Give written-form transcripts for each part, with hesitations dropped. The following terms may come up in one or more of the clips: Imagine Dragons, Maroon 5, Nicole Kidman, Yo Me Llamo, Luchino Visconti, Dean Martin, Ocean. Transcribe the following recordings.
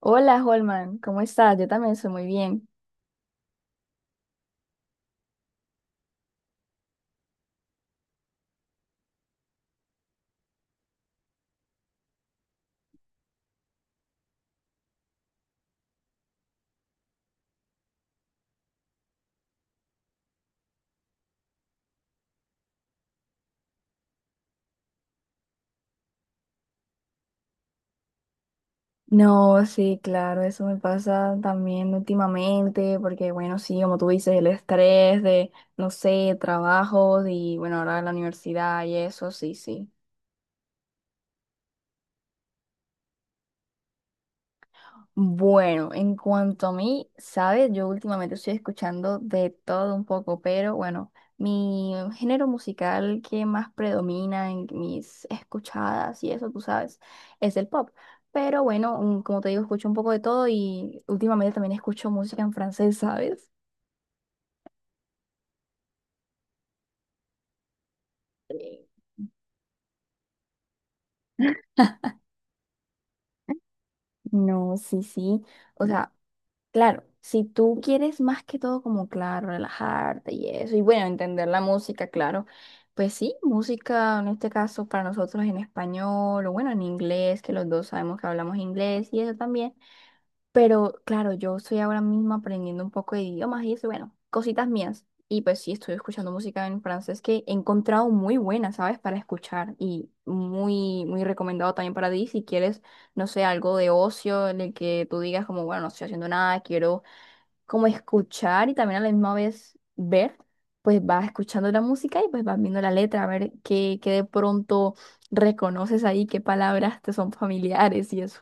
Hola, Holman, ¿cómo estás? Yo también estoy muy bien. No, sí, claro, eso me pasa también últimamente, porque bueno, sí, como tú dices, el estrés de, no sé, trabajos y bueno, ahora la universidad y eso, sí, sí. Bueno, en cuanto a mí, sabes, yo últimamente estoy escuchando de todo un poco, pero bueno, mi género musical que más predomina en mis escuchadas y eso, tú sabes, es el pop. Pero bueno, como te digo, escucho un poco de todo y últimamente también escucho música en francés, ¿sabes? Eh, No, sí, sí. O sea, claro, si tú quieres más que todo como, claro, relajarte y eso, y bueno, entender la música, claro, pues sí, música en este caso para nosotros en español o bueno, en inglés, que los dos sabemos que hablamos inglés y eso también, pero claro, yo estoy ahora mismo aprendiendo un poco de idiomas y eso, bueno, cositas mías, y pues sí, estoy escuchando música en francés que he encontrado muy buena, ¿sabes? Para escuchar y muy, muy recomendado también para ti si quieres, no sé, algo de ocio en el que tú digas como, bueno, no estoy haciendo nada, quiero como escuchar y también a la misma vez ver, pues vas escuchando la música y pues vas viendo la letra, a ver qué de pronto reconoces ahí, qué palabras te son familiares y eso.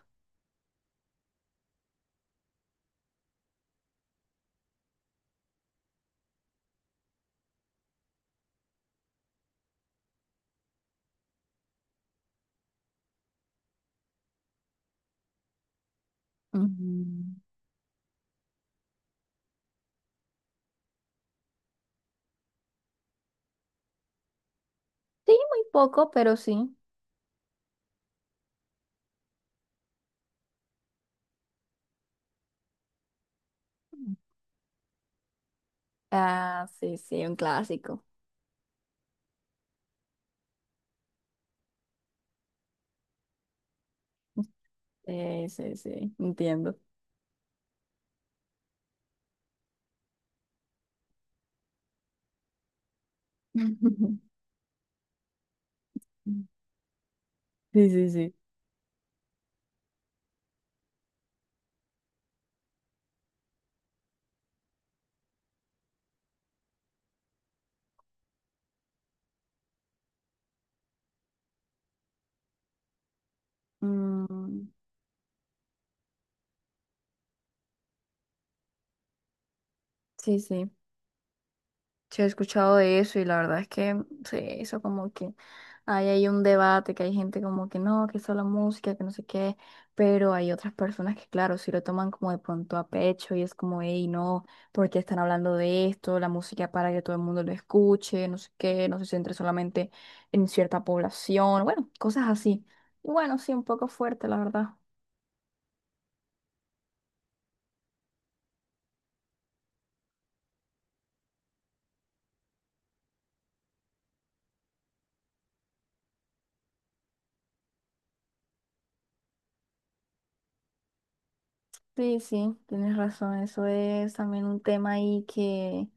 Ujú. Sí, muy poco, pero sí. Ah, sí, sí, un clásico. Sí, sí, sí, entiendo. Sí, sí, sí. Mm. Sí, sí. Sí, he escuchado de eso y la verdad es que sí, eso como que hay ahí un debate, que hay gente como que no, que eso la música, que no sé qué, pero hay otras personas que claro, si lo toman como de pronto a pecho y es como, hey, no, porque están hablando de esto? La música para que todo el mundo lo escuche, no sé qué, no se centre solamente en cierta población, bueno, cosas así. Y bueno, sí, un poco fuerte, la verdad. Sí, sí, tienes razón. Eso es también un tema ahí que,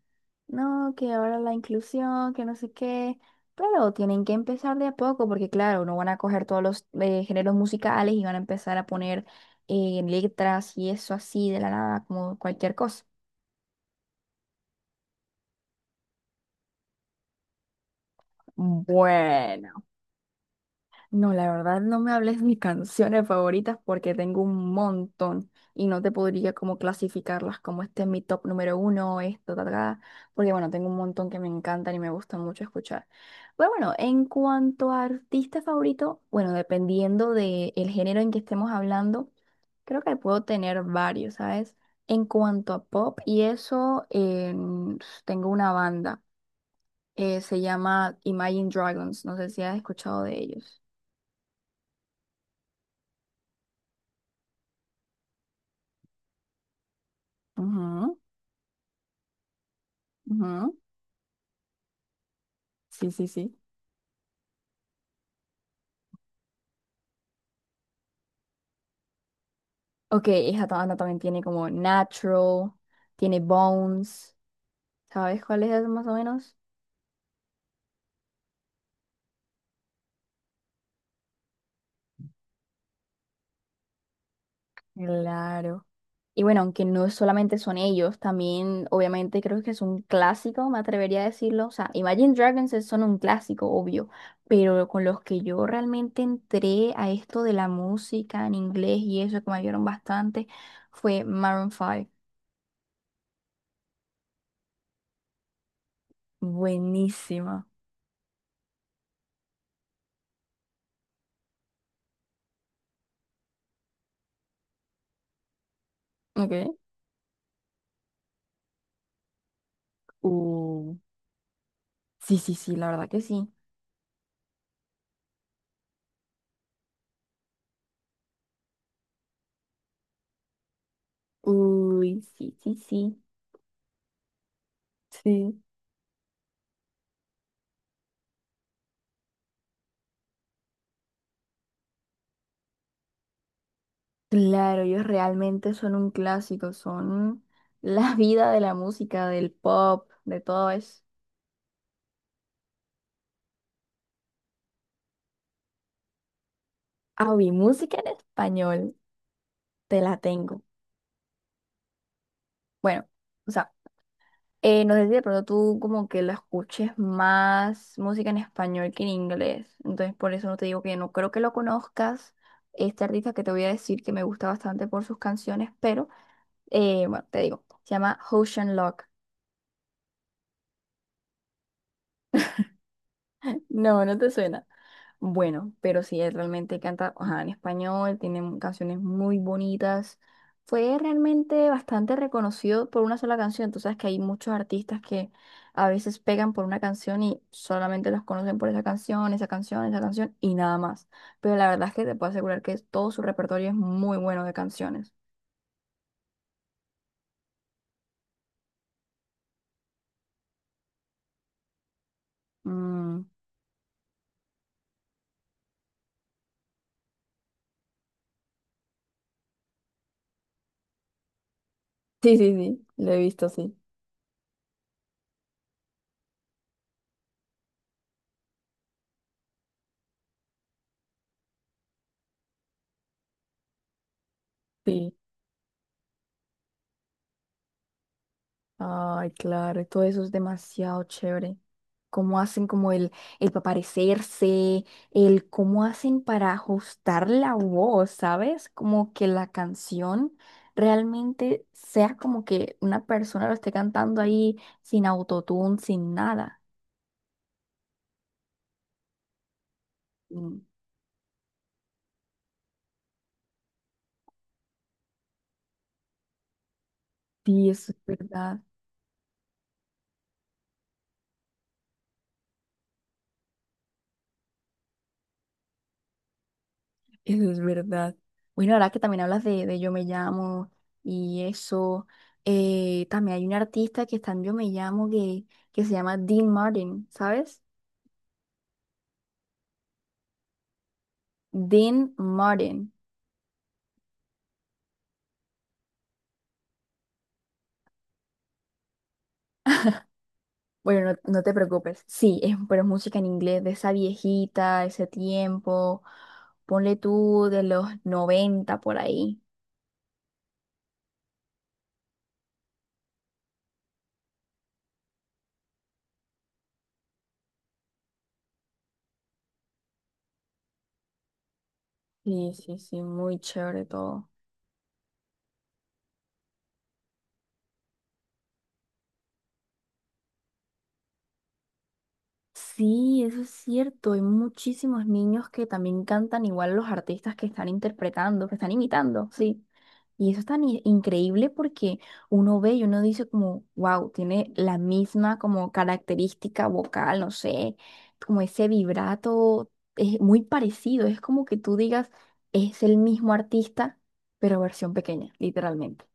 no, que ahora la inclusión, que no sé qué, pero tienen que empezar de a poco porque claro, no van a coger todos los géneros musicales y van a empezar a poner letras y eso así de la nada, como cualquier cosa. Bueno. No, la verdad no me hables de mis canciones favoritas porque tengo un montón y no te podría como clasificarlas como este es mi top número uno, esto, ta, ta, ta, porque bueno, tengo un montón que me encantan y me gustan mucho escuchar. Pero bueno, en cuanto a artista favorito, bueno, dependiendo del género en que estemos hablando, creo que puedo tener varios, ¿sabes? En cuanto a pop y eso, tengo una banda, se llama Imagine Dragons, no sé si has escuchado de ellos. Ujú. Ujú. Sí, sí, sí. Ok, esa banda también tiene como Natural, tiene Bones, ¿sabes cuál es más o menos? Claro. Y bueno, aunque no solamente son ellos, también obviamente creo que es un clásico, me atrevería a decirlo. O sea, Imagine Dragons son un clásico, obvio, pero con los que yo realmente entré a esto de la música en inglés y eso que me ayudaron bastante fue Maroon 5. Buenísima. Ok. Uh, Sí, sí, sí, la verdad que sí. Uy, sí, sí, sí. Sí. Claro, ellos realmente son un clásico, son la vida de la música, del pop, de todo eso. Ah, uy, música en español, te la tengo. Bueno, o sea, no sé si de pronto tú como que la escuches más música en español que en inglés, entonces por eso no te digo que no creo que lo conozcas, este artista que te voy a decir que me gusta bastante por sus canciones, pero bueno, te digo, se llama Ocean. No, no te suena. Bueno, pero sí, él realmente canta, ajá, en español, tiene canciones muy bonitas. Fue realmente bastante reconocido por una sola canción. Tú sabes que hay muchos artistas que a veces pegan por una canción y solamente los conocen por esa canción, esa canción, esa canción y nada más. Pero la verdad es que te puedo asegurar que todo su repertorio es muy bueno de canciones. Mm. Sí, sí, sí, lo he visto, sí. Sí. Ay, claro, y todo eso es demasiado chévere. Cómo hacen como el, pa' parecerse, el cómo hacen para ajustar la voz, ¿sabes? Como que la canción realmente sea como que una persona lo esté cantando ahí sin autotune, sin nada. Mm. Sí, eso es verdad. Eso es verdad. Bueno, ahora que también hablas de Yo Me Llamo y eso, también hay un artista que está en Yo Me Llamo que se llama Dean Martin, ¿sabes? Dean Martin. Bueno, no, no te preocupes. Sí, es, pero es música en inglés de esa viejita, ese tiempo. Ponle tú de los 90 por ahí. Sí, sí, sí, muy chévere todo. Sí, eso es cierto. Hay muchísimos niños que también cantan igual a los artistas que están interpretando, que están imitando, sí. Y eso es tan increíble porque uno ve y uno dice como, wow, tiene la misma como característica vocal, no sé, como ese vibrato, es muy parecido. Es como que tú digas, es el mismo artista, pero versión pequeña, literalmente.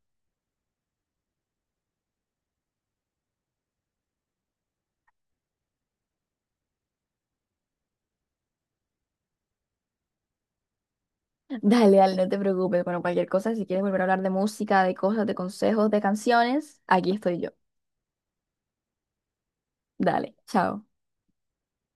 Dale, dale, no te preocupes. Bueno, cualquier cosa, si quieres volver a hablar de música, de cosas, de consejos, de canciones, aquí estoy yo. Dale, chao.